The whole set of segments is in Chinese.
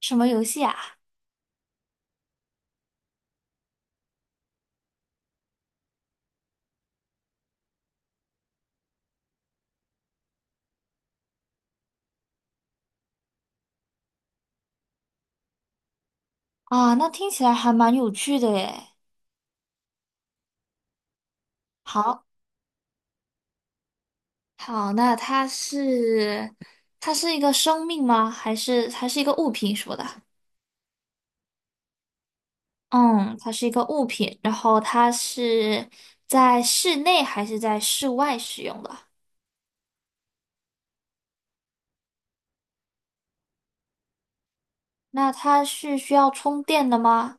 什么游戏啊？啊，那听起来还蛮有趣的耶。好，好，那它是它是一个生命吗？还是一个物品什么的？嗯，它是一个物品，然后它是在室内还是在室外使用的？那它是需要充电的吗？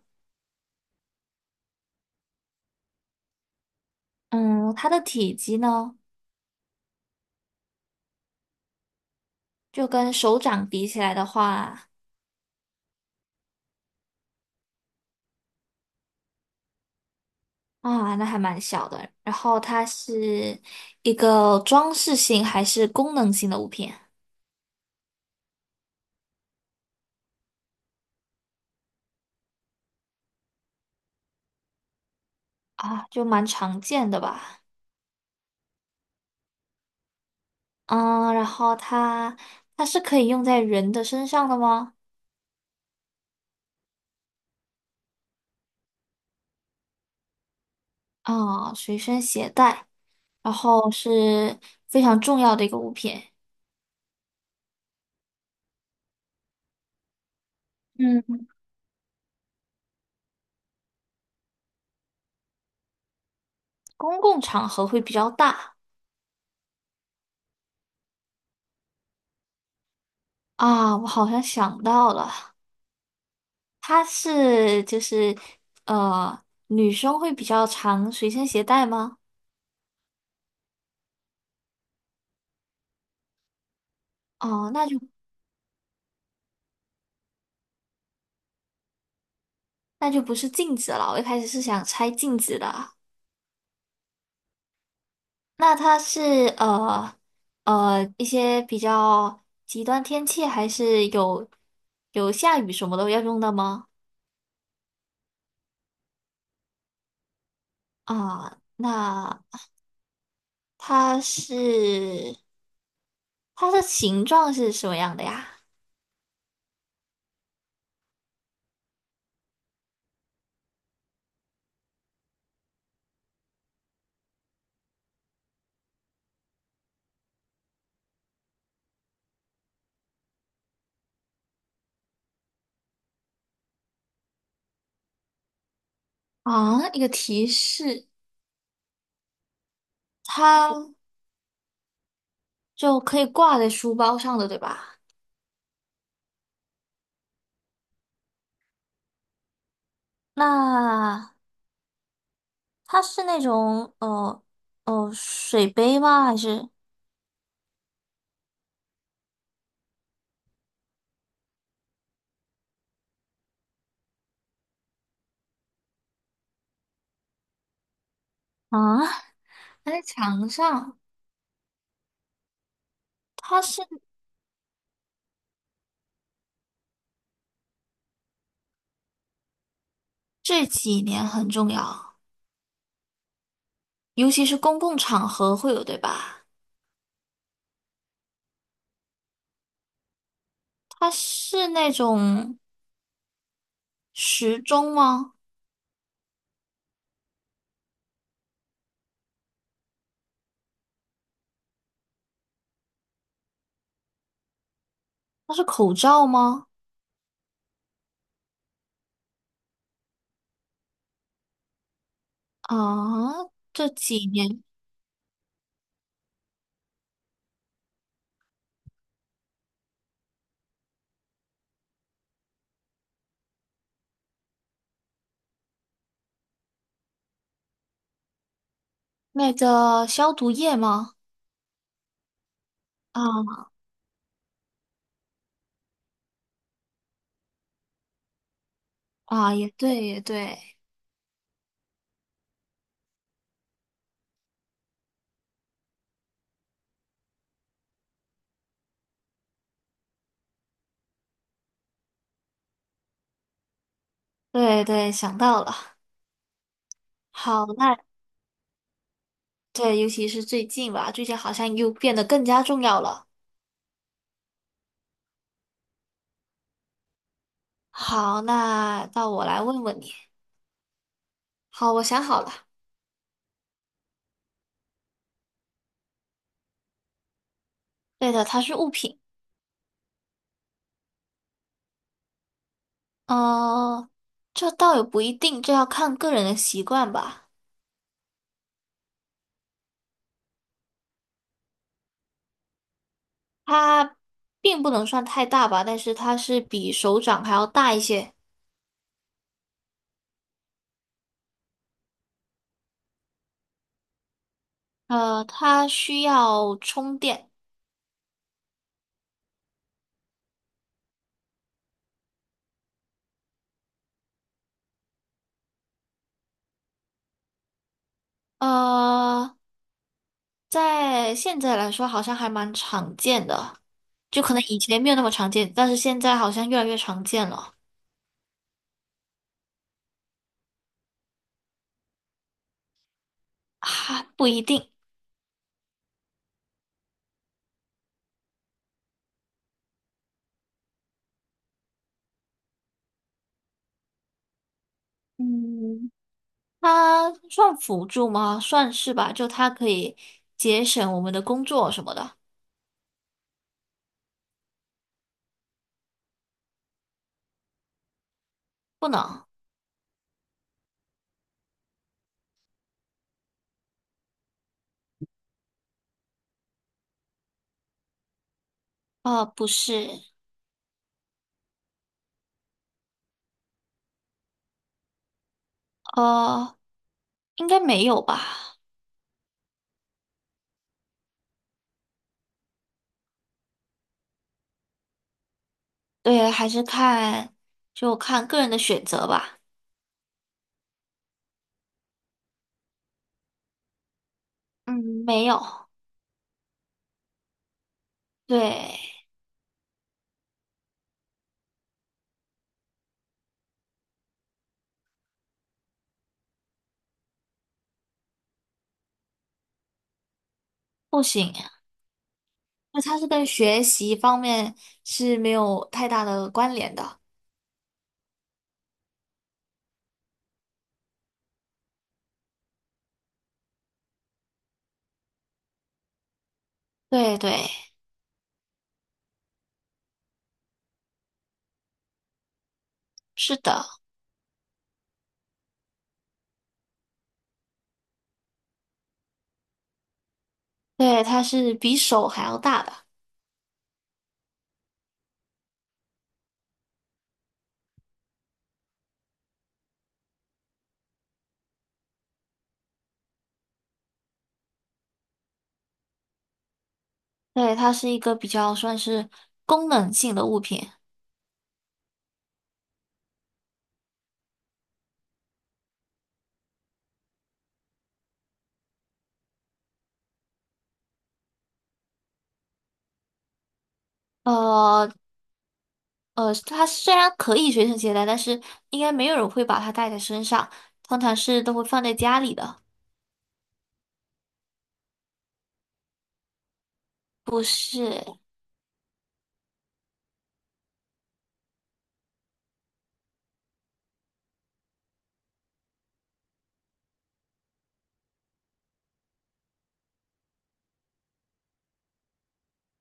嗯，它的体积呢，就跟手掌比起来的话，啊，那还蛮小的。然后它是一个装饰性还是功能性的物品？啊，就蛮常见的吧。嗯，然后它它是可以用在人的身上的吗？啊，随身携带，然后是非常重要的一个物品。嗯，公共场合会比较大啊。我好像想到了，它是就是女生会比较常随身携带吗？哦，那就那就不是镜子了。我一开始是想拆镜子的。那它是呃一些比较极端天气，还是有下雨什么都要用的吗？啊，那它是它的形状是什么样的呀？啊，一个提示，它就可以挂在书包上的，对吧？那它是那种水杯吗？还是啊？它在墙上，它是这几年很重要。尤其是公共场合会有，对吧？它是那种时钟吗？它是口罩吗？啊，这几年那个消毒液吗？啊啊，也对，也对，对对，想到了。好，那对，尤其是最近吧，最近好像又变得更加重要了。好，那到我来问问你。好，我想好了。对的，它是物品。呃，这倒也不一定，这要看个人的习惯吧。它并不能算太大吧，但是它是比手掌还要大一些。呃，它需要充电。呃，在现在来说好像还蛮常见的，就可能以前没有那么常见，但是现在好像越来越常见了。啊，不一定。嗯，它算辅助吗？算是吧，就它可以节省我们的工作什么的。不能。呃，不是。呃，应该没有吧。对，还是看就看个人的选择吧。嗯，没有，对，不行，那它是跟学习方面是没有太大的关联的。对对，是的，对，它是比手还要大的。对，它是一个比较算是功能性的物品。呃呃，它虽然可以随身携带，但是应该没有人会把它带在身上，通常是都会放在家里的。不是，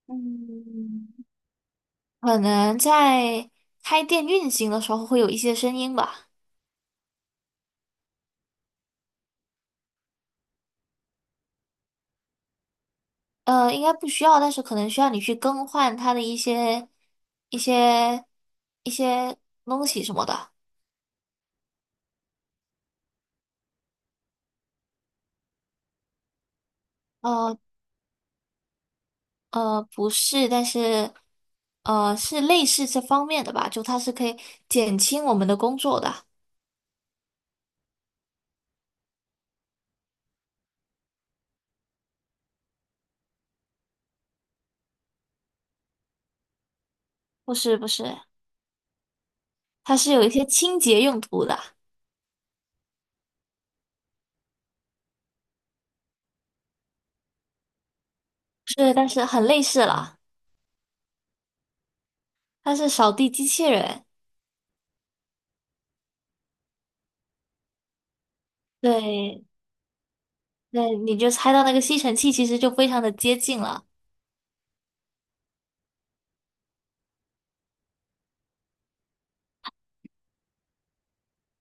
嗯。可能在开店运行的时候会有一些声音吧，呃，应该不需要，但是可能需要你去更换它的一些一些东西什么的，呃不是，但是呃是类似这方面的吧，就它是可以减轻我们的工作的，不是不是，它是有一些清洁用途的，是，但是很类似了，它是扫地机器人，对，对，你就猜到那个吸尘器其实就非常的接近了。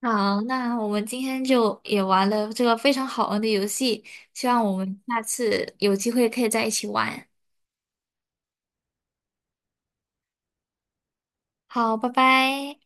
好，那我们今天就也玩了这个非常好玩的游戏，希望我们下次有机会可以在一起玩。好，拜拜。